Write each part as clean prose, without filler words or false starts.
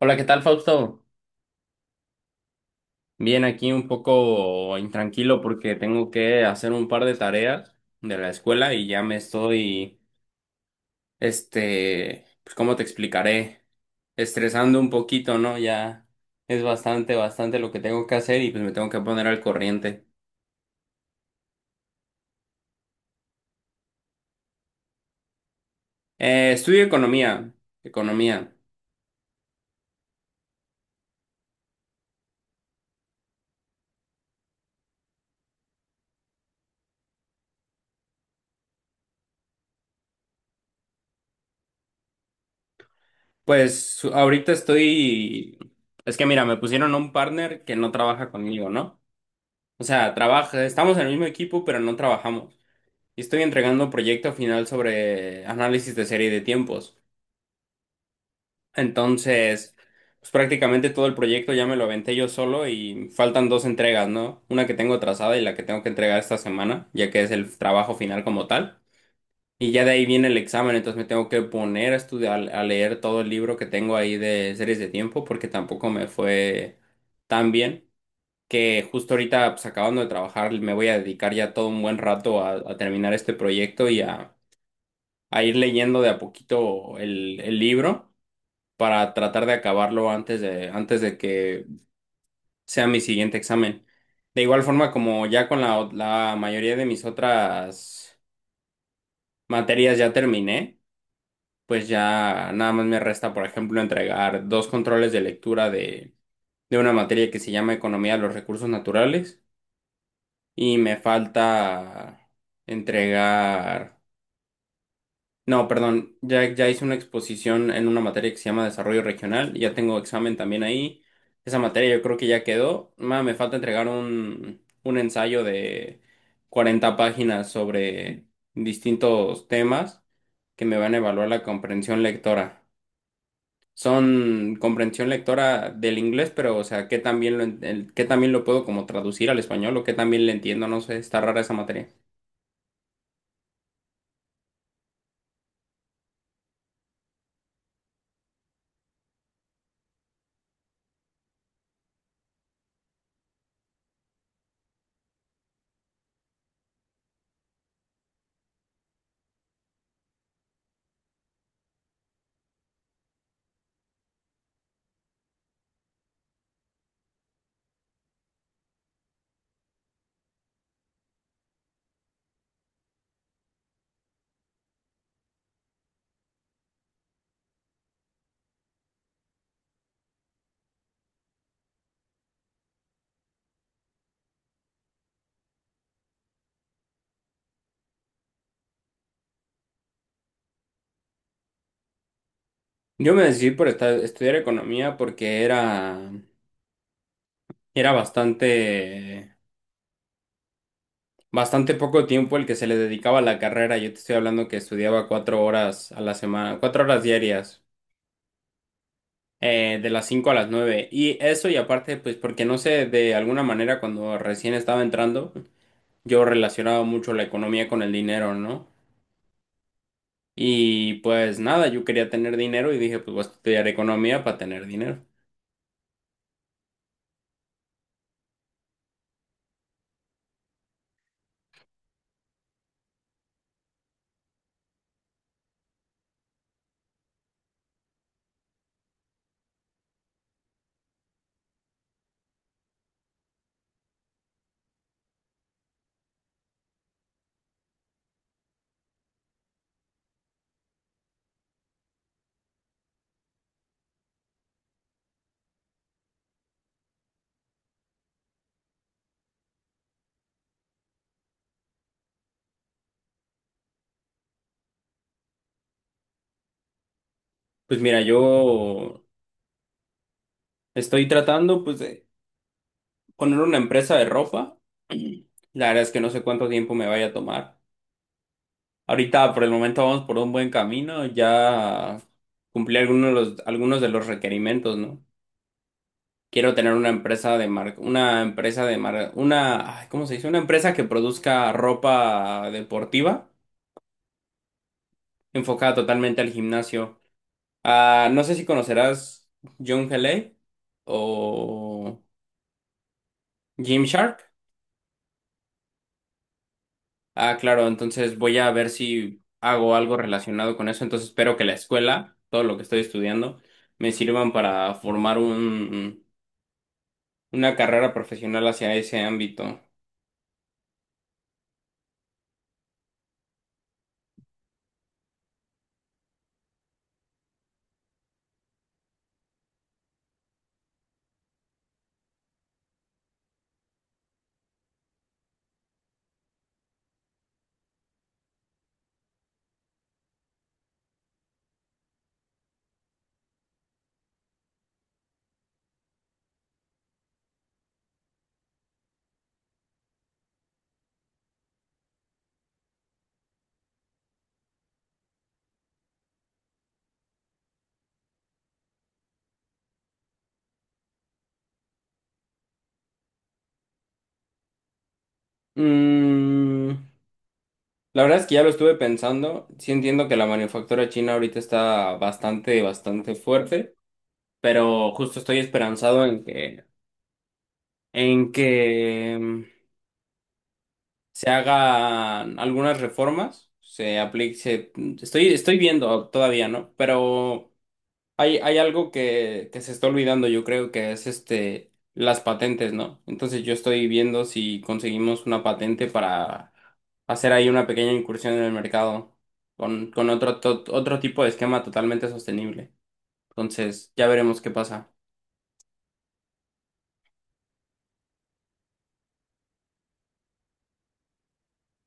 Hola, ¿qué tal, Fausto? Bien, aquí un poco intranquilo porque tengo que hacer un par de tareas de la escuela y ya me estoy, pues, ¿cómo te explicaré? Estresando un poquito, ¿no? Ya es bastante, bastante lo que tengo que hacer y pues me tengo que poner al corriente. Estudio economía, economía. Pues ahorita estoy, es que mira, me pusieron a un partner que no trabaja conmigo, ¿no? O sea, trabaja, estamos en el mismo equipo, pero no trabajamos. Y estoy entregando proyecto final sobre análisis de serie de tiempos. Entonces, pues prácticamente todo el proyecto ya me lo aventé yo solo y faltan dos entregas, ¿no? Una que tengo trazada y la que tengo que entregar esta semana, ya que es el trabajo final como tal. Y ya de ahí viene el examen, entonces me tengo que poner a estudiar, a leer todo el libro que tengo ahí de series de tiempo, porque tampoco me fue tan bien que justo ahorita, pues acabando de trabajar, me voy a dedicar ya todo un buen rato a terminar este proyecto y a ir leyendo de a poquito el libro para tratar de acabarlo antes de que sea mi siguiente examen. De igual forma, como ya con la mayoría de mis otras materias ya terminé, pues ya nada más me resta, por ejemplo, entregar dos controles de lectura de, una materia que se llama Economía de los Recursos Naturales y me falta entregar. No, perdón, ya hice una exposición en una materia que se llama Desarrollo Regional, ya tengo examen también ahí. Esa materia yo creo que ya quedó. Me falta entregar un ensayo de 40 páginas sobre distintos temas que me van a evaluar la comprensión lectora. Son comprensión lectora del inglés, pero o sea, ¿qué también lo puedo como traducir al español o qué también le entiendo? No sé, está rara esa materia. Yo me decidí por estudiar economía porque era bastante, bastante poco tiempo el que se le dedicaba a la carrera. Yo te estoy hablando que estudiaba 4 horas a la semana, 4 horas diarias, de las 5 a las 9. Y eso y aparte, pues porque no sé, de alguna manera cuando recién estaba entrando, yo relacionaba mucho la economía con el dinero, ¿no? Y pues nada, yo quería tener dinero y dije, pues voy a estudiar economía para tener dinero. Pues mira, yo estoy tratando, pues, de poner una empresa de ropa, la verdad es que no sé cuánto tiempo me vaya a tomar. Ahorita por el momento vamos por un buen camino, ya cumplí algunos de los requerimientos, ¿no? Quiero tener una empresa de marca, una, ay, ¿cómo se dice? Una empresa que produzca ropa deportiva enfocada totalmente al gimnasio. Ah, no sé si conocerás John L.A. o Gymshark. Ah, claro, entonces voy a ver si hago algo relacionado con eso. Entonces espero que la escuela, todo lo que estoy estudiando, me sirvan para formar una carrera profesional hacia ese ámbito. Mm, la verdad es que ya lo estuve pensando. Sí entiendo que la manufactura china ahorita está bastante, bastante fuerte, pero justo estoy esperanzado en que se hagan algunas reformas, se aplique, estoy viendo todavía, ¿no? Pero hay algo que se está olvidando, yo creo que es las patentes, ¿no? Entonces yo estoy viendo si conseguimos una patente para hacer ahí una pequeña incursión en el mercado con otro tipo de esquema totalmente sostenible. Entonces ya veremos qué pasa.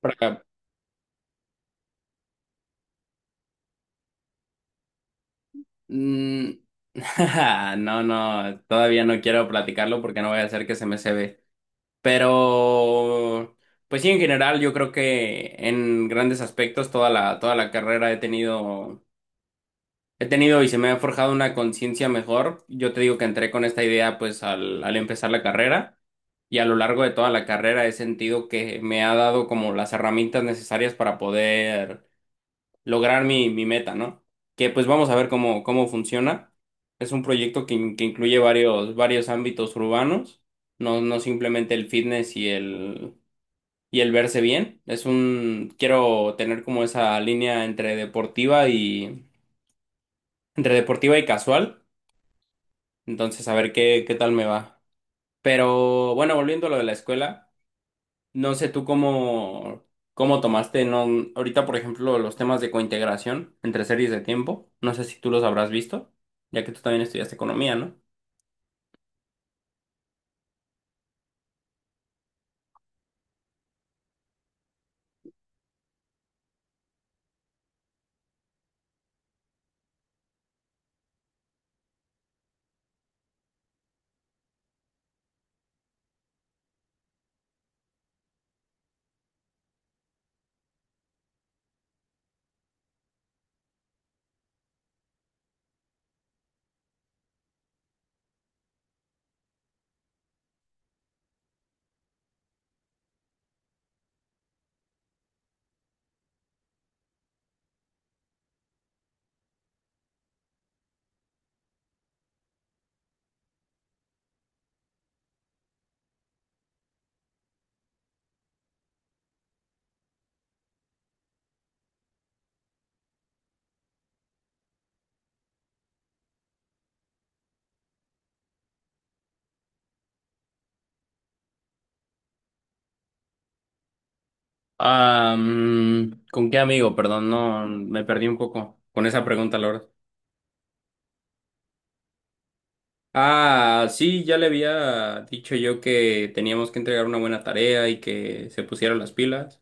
Para- mm, No, no, todavía no quiero platicarlo porque no voy a hacer que se me se. Pero, pues sí, en general, yo creo que en grandes aspectos toda la carrera he tenido y se me ha forjado una conciencia mejor. Yo te digo que entré con esta idea pues al empezar la carrera y a lo largo de toda la carrera he sentido que me ha dado como las herramientas necesarias para poder lograr mi meta, ¿no? Que pues vamos a ver cómo funciona. Es un proyecto que incluye varios ámbitos urbanos, no, no simplemente el fitness y el verse bien. Quiero tener como esa línea entre deportiva y, casual. Entonces, a ver qué tal me va. Pero bueno, volviendo a lo de la escuela, no sé tú cómo tomaste, no, ahorita, por ejemplo, los temas de cointegración entre series de tiempo. No sé si tú los habrás visto, ya que tú también estudiaste economía, ¿no? Ah, ¿con qué amigo? Perdón, no, me perdí un poco con esa pregunta, Laura. Ah, sí, ya le había dicho yo que teníamos que entregar una buena tarea y que se pusiera las pilas,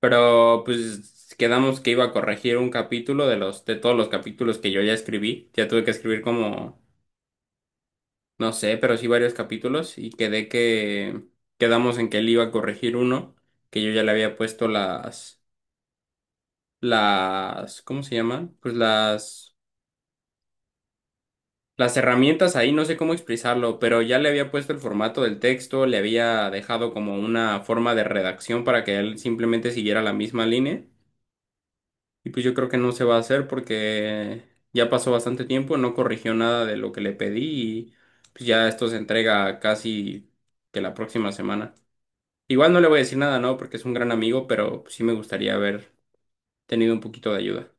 pero pues quedamos que iba a corregir un capítulo de los de todos los capítulos que yo ya escribí. Ya tuve que escribir como no sé, pero sí varios capítulos y quedé que quedamos en que él iba a corregir uno que yo ya le había puesto las ¿cómo se llaman? Pues las herramientas ahí no sé cómo expresarlo, pero ya le había puesto el formato del texto, le había dejado como una forma de redacción para que él simplemente siguiera la misma línea. Y pues yo creo que no se va a hacer porque ya pasó bastante tiempo, no corrigió nada de lo que le pedí y pues ya esto se entrega casi que la próxima semana. Igual no le voy a decir nada, ¿no? Porque es un gran amigo, pero sí me gustaría haber tenido un poquito de ayuda.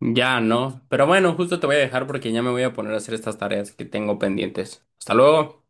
Ya no, pero bueno, justo te voy a dejar porque ya me voy a poner a hacer estas tareas que tengo pendientes. Hasta luego.